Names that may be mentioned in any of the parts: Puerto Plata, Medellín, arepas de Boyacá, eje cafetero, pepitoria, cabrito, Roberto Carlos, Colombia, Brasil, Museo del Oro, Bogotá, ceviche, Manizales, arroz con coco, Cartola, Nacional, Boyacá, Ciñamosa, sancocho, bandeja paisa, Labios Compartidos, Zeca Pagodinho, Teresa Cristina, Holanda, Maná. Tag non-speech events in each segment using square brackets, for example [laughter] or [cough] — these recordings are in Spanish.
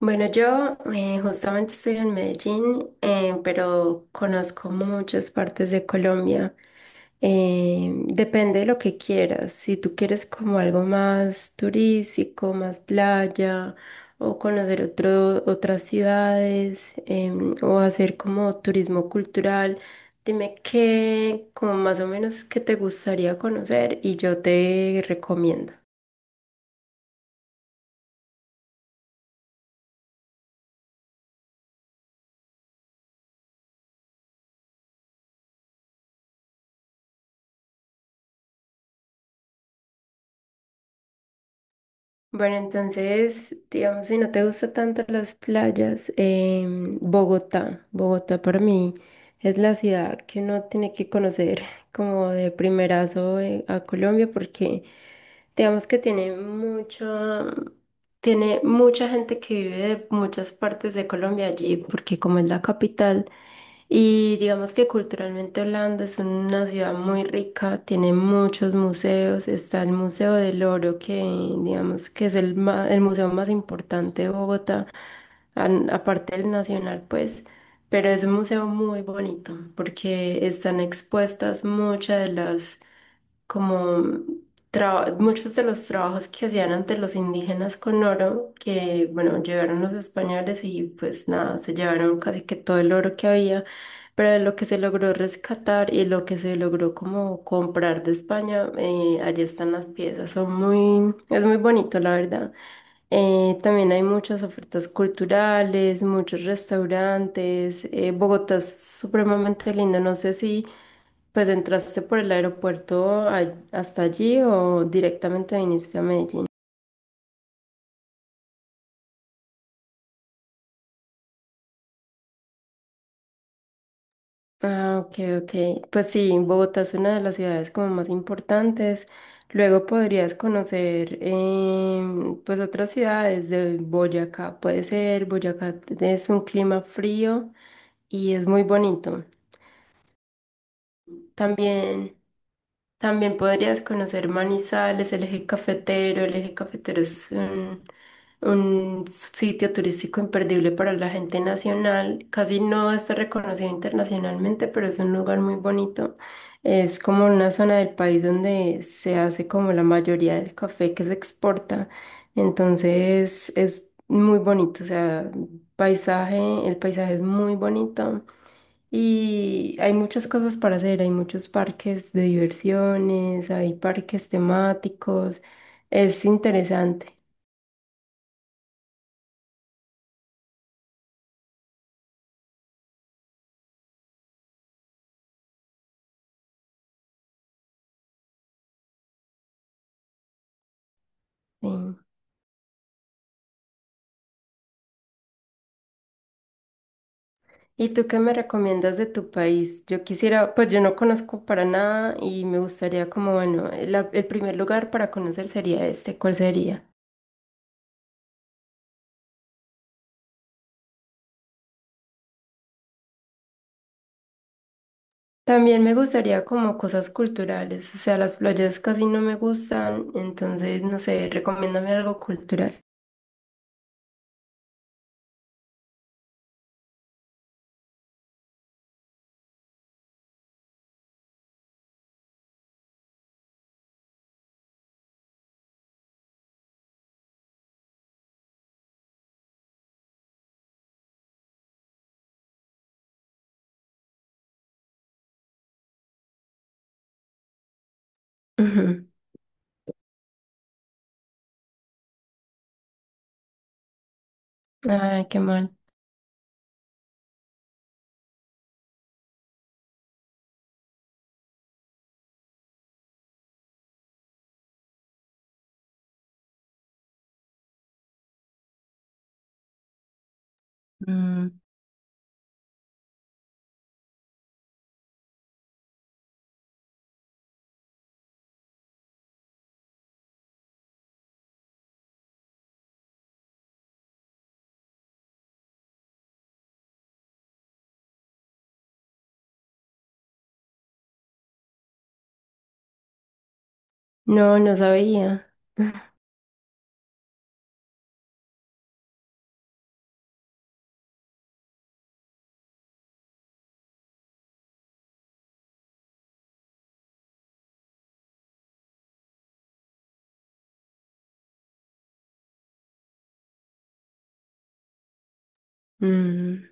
Bueno, yo justamente estoy en Medellín, pero conozco muchas partes de Colombia. Depende de lo que quieras. Si tú quieres como algo más turístico, más playa, o conocer otras ciudades, o hacer como turismo cultural, dime qué, como más o menos qué te gustaría conocer y yo te recomiendo. Bueno, entonces, digamos, si no te gustan tanto las playas, Bogotá, Bogotá para mí es la ciudad que uno tiene que conocer [laughs] como de primerazo a Colombia porque digamos que tiene mucha gente que vive de muchas partes de Colombia allí porque como es la capital, y digamos que culturalmente Holanda es una ciudad muy rica, tiene muchos museos, está el Museo del Oro, que digamos que es el museo más importante de Bogotá, aparte del Nacional, pues, pero es un museo muy bonito porque están expuestas muchas de las como muchos de los trabajos que hacían antes los indígenas con oro, que bueno, llegaron los españoles y pues nada, se llevaron casi que todo el oro que había, pero de lo que se logró rescatar y lo que se logró como comprar de España, allí están las piezas, es muy bonito la verdad. También hay muchas ofertas culturales, muchos restaurantes, Bogotá es supremamente lindo, no sé si... Pues entraste por el aeropuerto hasta allí o directamente viniste a Medellín. Ah, ok, ok. Pues sí, Bogotá es una de las ciudades como más importantes. Luego podrías conocer pues otras ciudades de Boyacá. Puede ser, Boyacá es un clima frío y es muy bonito. También. También podrías conocer Manizales, el eje cafetero. El eje cafetero un sitio turístico imperdible para la gente nacional. Casi no está reconocido internacionalmente, pero es un lugar muy bonito. Es como una zona del país donde se hace como la mayoría del café que se exporta. Entonces es muy bonito, o sea, paisaje, el paisaje es muy bonito. Y hay muchas cosas para hacer, hay muchos parques de diversiones, hay parques temáticos, es interesante. Sí. ¿Y tú qué me recomiendas de tu país? Yo quisiera, pues yo no conozco para nada y me gustaría como, bueno, el primer lugar para conocer sería este, ¿cuál sería? También me gustaría como cosas culturales, o sea, las playas casi no me gustan, entonces, no sé, recomiéndame algo cultural. [laughs] Ujú. Ay, qué mal. Mm. No, no sabía. [laughs] Mm,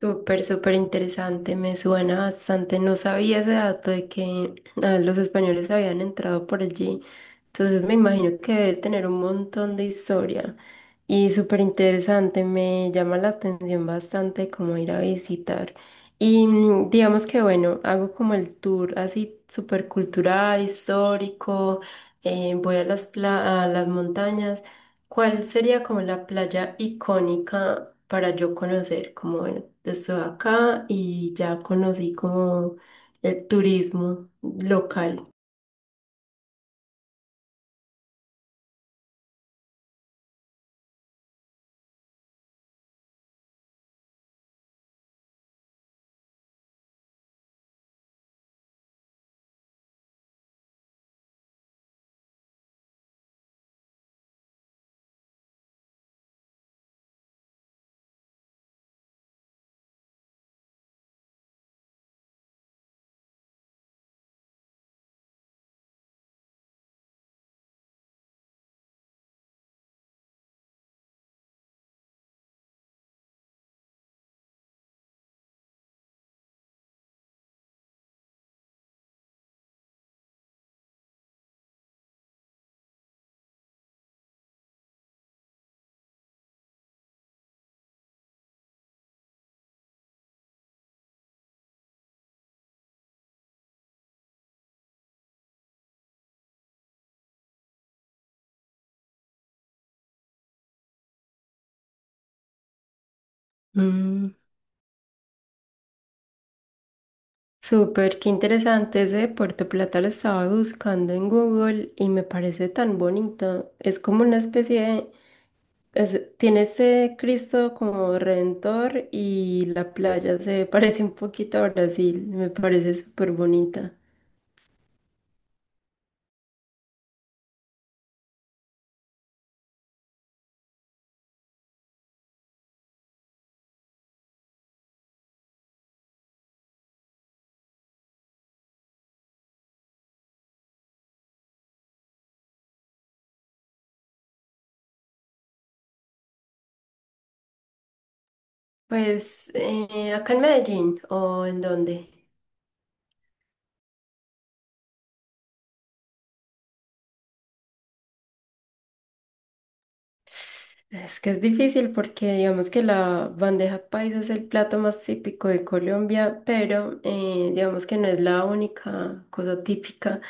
súper, súper interesante, me suena bastante. No sabía ese dato de que ah, los españoles habían entrado por allí. Entonces me imagino que debe tener un montón de historia. Y súper interesante, me llama la atención bastante cómo ir a visitar. Y mm, digamos que bueno, hago como el tour así súper cultural, histórico, voy a las, a las montañas. ¿Cuál sería como la playa icónica para yo conocer? Como bueno, estoy acá y ya conocí como el turismo local. Súper, qué interesante. Ese de Puerto Plata lo estaba buscando en Google y me parece tan bonito. Es como una especie de... tiene ese Cristo como redentor y la playa se [laughs] parece un poquito a Brasil. Me parece súper bonita. Pues, ¿acá en Medellín o en dónde? Es que es difícil porque digamos que la bandeja paisa es el plato más típico de Colombia, pero digamos que no es la única cosa típica.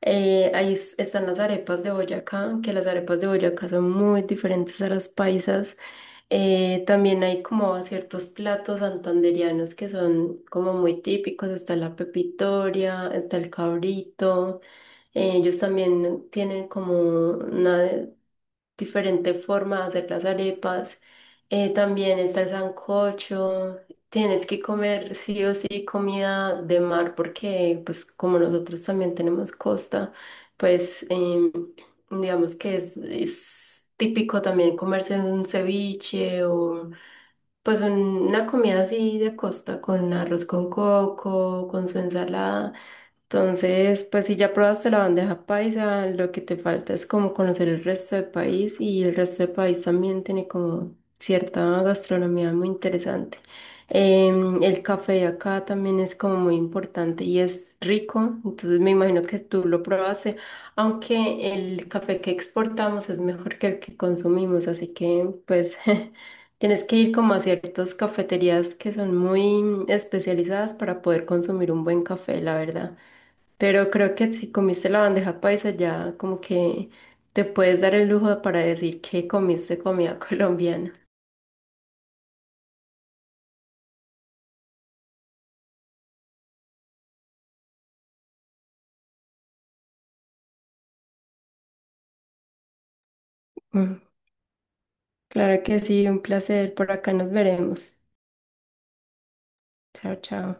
Ahí están las arepas de Boyacá, que las arepas de Boyacá son muy diferentes a las paisas. También hay como ciertos platos santandereanos que son como muy típicos. Está la pepitoria, está el cabrito. Ellos también tienen como una diferente forma de hacer las arepas. También está el sancocho. Tienes que comer sí o sí comida de mar porque, pues, como nosotros también tenemos costa, pues, digamos que es típico también comerse un ceviche o, pues, una comida así de costa con arroz con coco, con su ensalada. Entonces, pues si ya probaste la bandeja paisa, lo que te falta es como conocer el resto del país y el resto del país también tiene como cierta gastronomía muy interesante. Em, el café de acá también es como muy importante y es rico, entonces me imagino que tú lo probaste, aunque el café que exportamos es mejor que el que consumimos, así que pues [laughs] tienes que ir como a ciertas cafeterías que son muy especializadas para poder consumir un buen café, la verdad. Pero creo que si comiste la bandeja paisa ya como que te puedes dar el lujo para decir que comiste comida [laughs] colombiana. Mm, claro que sí, un placer. Por acá nos veremos. Chao, chao.